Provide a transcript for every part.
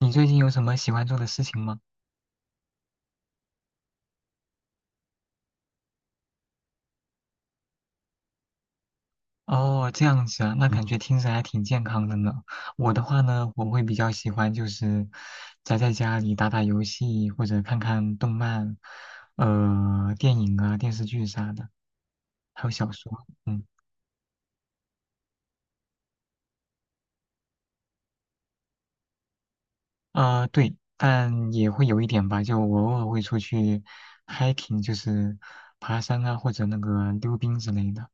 你最近有什么喜欢做的事情吗？哦，这样子啊，那感觉听着还挺健康的呢。我的话呢，我会比较喜欢就是宅在家里打打游戏或者看看动漫，电影啊、电视剧啥的，还有小说。嗯，啊、对，但也会有一点吧，就我偶尔会出去 hiking，就是爬山啊或者那个溜冰之类的。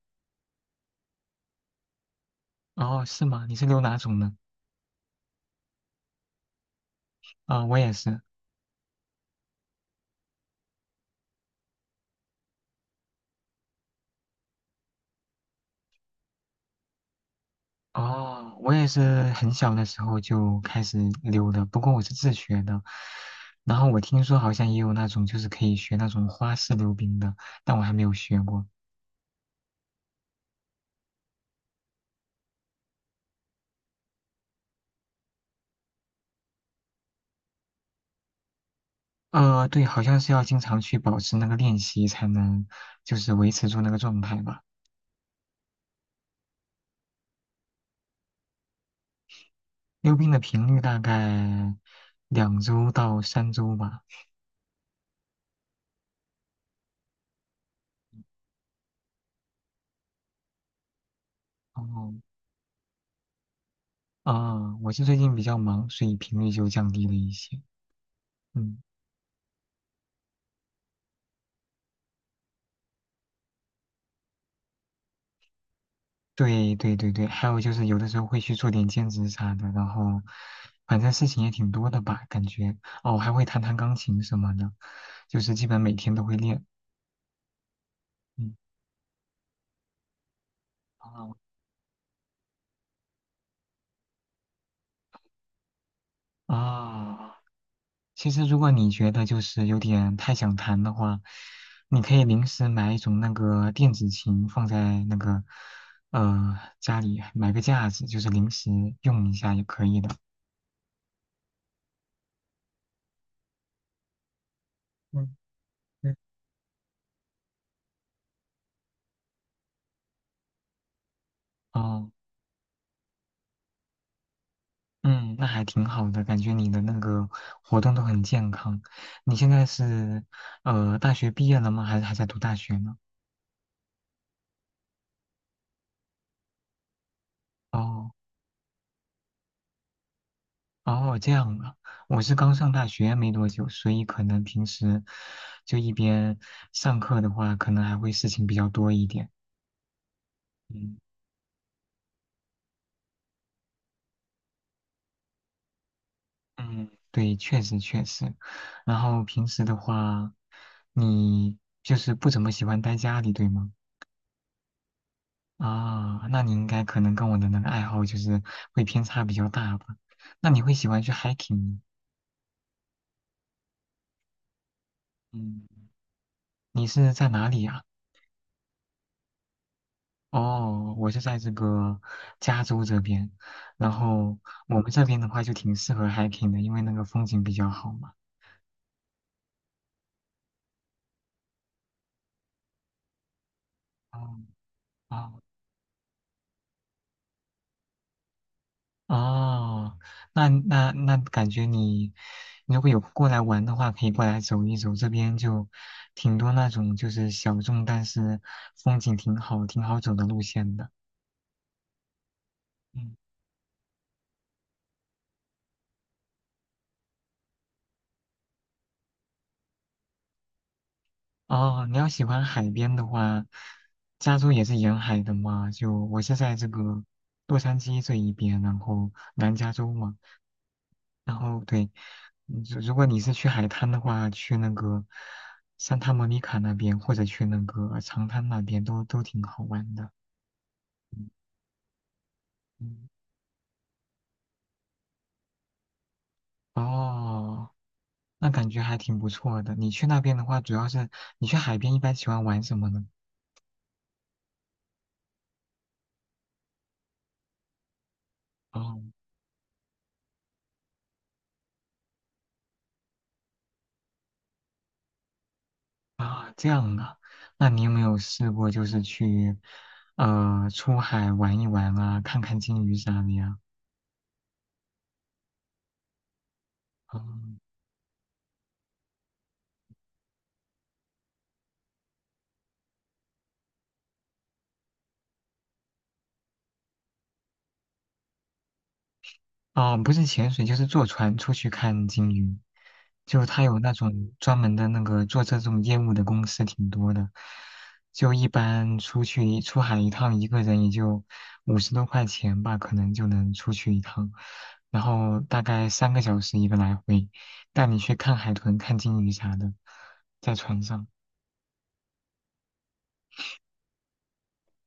哦，是吗？你是溜哪种呢？啊、我也是。哦，我也是很小的时候就开始溜的，不过我是自学的。然后我听说好像也有那种就是可以学那种花式溜冰的，但我还没有学过。对，好像是要经常去保持那个练习才能就是维持住那个状态吧。溜冰的频率大概2周到3周吧。哦，啊，我是最近比较忙，所以频率就降低了一些。嗯。对对对对，还有就是有的时候会去做点兼职啥的，然后反正事情也挺多的吧，感觉哦，还会弹弹钢琴什么的，就是基本每天都会练。嗯，哦啊，其实如果你觉得就是有点太想弹的话，你可以临时买一种那个电子琴放在那个家里，买个架子，就是临时用一下也可以的。嗯嗯，哦。嗯，那还挺好的，感觉你的那个活动都很健康。你现在是大学毕业了吗？还是还在读大学呢？哦哦，这样啊，我是刚上大学没多久，所以可能平时就一边上课的话，可能还会事情比较多一点。嗯嗯，对，确实确实。然后平时的话，你就是不怎么喜欢待家里，对吗？啊，那你应该可能跟我的那个爱好就是会偏差比较大吧？那你会喜欢去 hiking吗？嗯，你是在哪里呀？哦，我是在这个加州这边，然后我们这边的话就挺适合 hiking 的，因为那个风景比较好嘛。哦哦哦，那感觉你如果有过来玩的话，可以过来走一走，这边就挺多那种就是小众但是风景挺好、挺好走的路线的。嗯，哦，你要喜欢海边的话，加州也是沿海的嘛。就我是在这个洛杉矶这一边，然后南加州嘛。然后对，如果你是去海滩的话，去那个산타莫妮卡那边，或者去那个长滩那边，都挺好玩的。嗯，哦，那感觉还挺不错的。你去那边的话，主要是你去海边一般喜欢玩什么呢？哦。啊，这样啊，那你有没有试过就是去，出海玩一玩啊，看看鲸鱼啥的呀？嗯，哦，不是潜水，就是坐船出去看鲸鱼，就他有那种专门的那个做这种业务的公司挺多的，就一般出去一出海一趟，一个人也就50多块钱吧，可能就能出去一趟，然后大概3个小时一个来回，带你去看海豚、看鲸鱼啥的，在船上。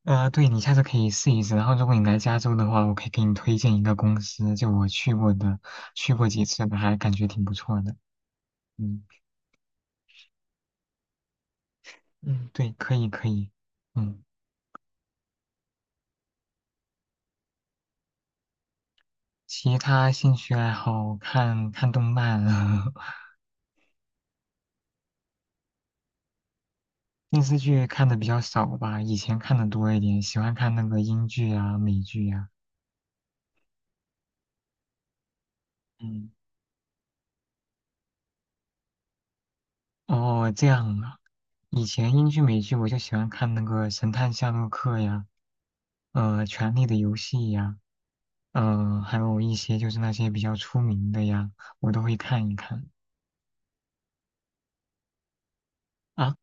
对，你下次可以试一试。然后，如果你来加州的话，我可以给你推荐一个公司，就我去过的，去过几次的，还感觉挺不错的。嗯嗯，对，可以可以。嗯，其他兴趣爱好看看动漫，电视剧看的比较少吧，以前看的多一点，喜欢看那个英剧啊、美剧呀、嗯，哦，这样啊。以前英剧、美剧我就喜欢看那个《神探夏洛克》呀，《权力的游戏》呀。嗯，还有一些就是那些比较出名的呀，我都会看一看啊。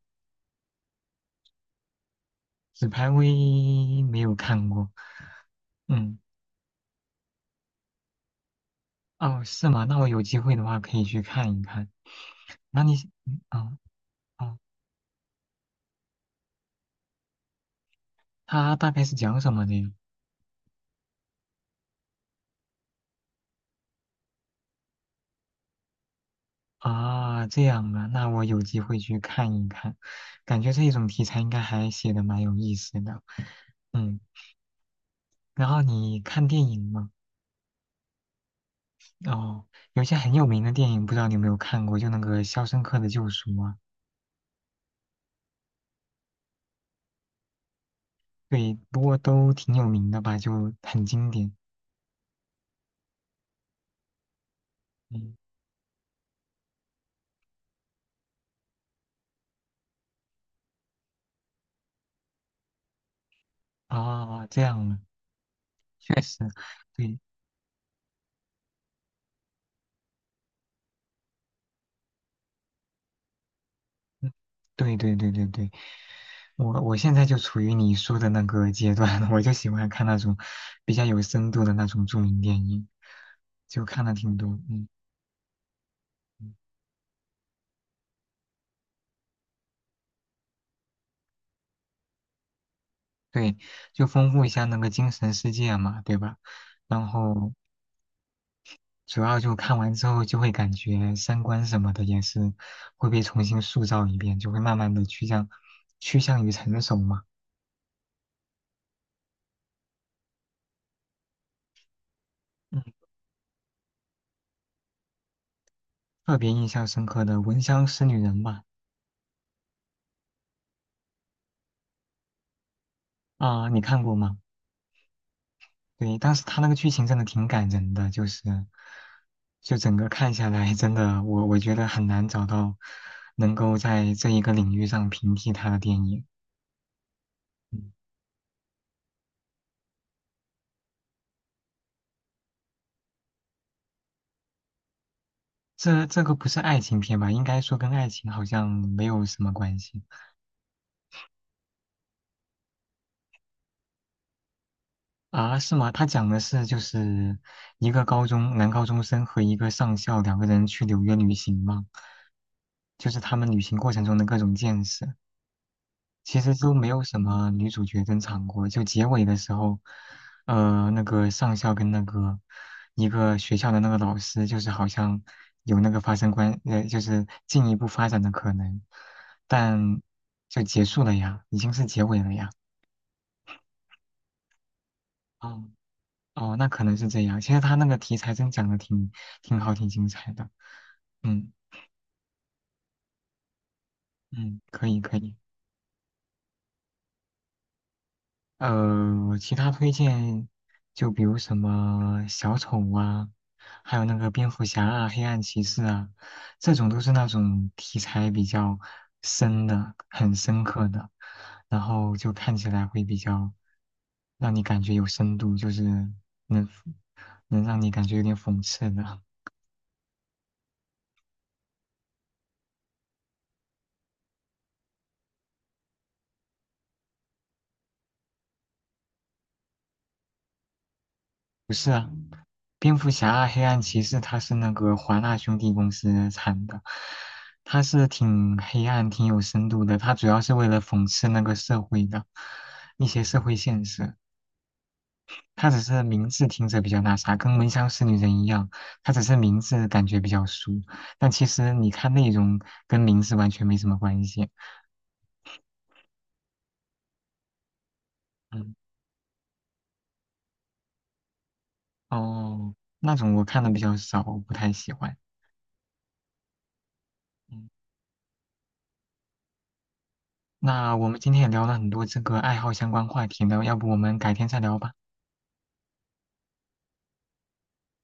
纸牌屋一没有看过，嗯，哦，是吗？那我有机会的话可以去看一看。那你，嗯，哦，哦，它大概是讲什么的呀？啊，这样啊，那我有机会去看一看，感觉这一种题材应该还写的蛮有意思的。嗯，然后你看电影吗？哦，有些很有名的电影，不知道你有没有看过，就那个《肖申克的救赎》啊。对，不过都挺有名的吧，就很经典。嗯，啊，这样啊，确实，对，嗯，对对对对对，我现在就处于你说的那个阶段，我就喜欢看那种比较有深度的那种著名电影，就看了挺多，嗯，对，就丰富一下那个精神世界嘛，对吧？然后主要就看完之后就会感觉三观什么的也是会被重新塑造一遍，就会慢慢的趋向于成熟嘛。嗯，特别印象深刻的《闻香识女人》吧，啊、你看过吗？对，当时他那个剧情真的挺感人的，就是，就整个看下来，真的我觉得很难找到能够在这一个领域上平替他的电影。嗯，这个不是爱情片吧？应该说跟爱情好像没有什么关系啊？是吗？他讲的是就是一个高中生和一个上校两个人去纽约旅行吗？就是他们旅行过程中的各种见识。其实都没有什么女主角登场过，就结尾的时候，那个上校跟那个一个学校的那个老师，就是好像有那个发生关，就是进一步发展的可能，但就结束了呀，已经是结尾了呀。哦哦，那可能是这样。其实他那个题材真讲的挺好，挺精彩的。嗯嗯，可以可以。其他推荐就比如什么小丑啊，还有那个蝙蝠侠啊、黑暗骑士啊，这种都是那种题材比较深的、很深刻的，然后就看起来会比较让你感觉有深度，就是能让你感觉有点讽刺的。不是啊，蝙蝠侠、黑暗骑士，它是那个华纳兄弟公司产的，它是挺黑暗、挺有深度的。它主要是为了讽刺那个社会的一些社会现实。它只是名字听着比较那啥，跟《闻香识女人》一样，它只是名字感觉比较俗，但其实你看内容跟名字完全没什么关系。嗯，哦，那种我看的比较少，我不太喜欢。嗯，那我们今天也聊了很多这个爱好相关话题呢，要不我们改天再聊吧。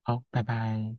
好，拜拜。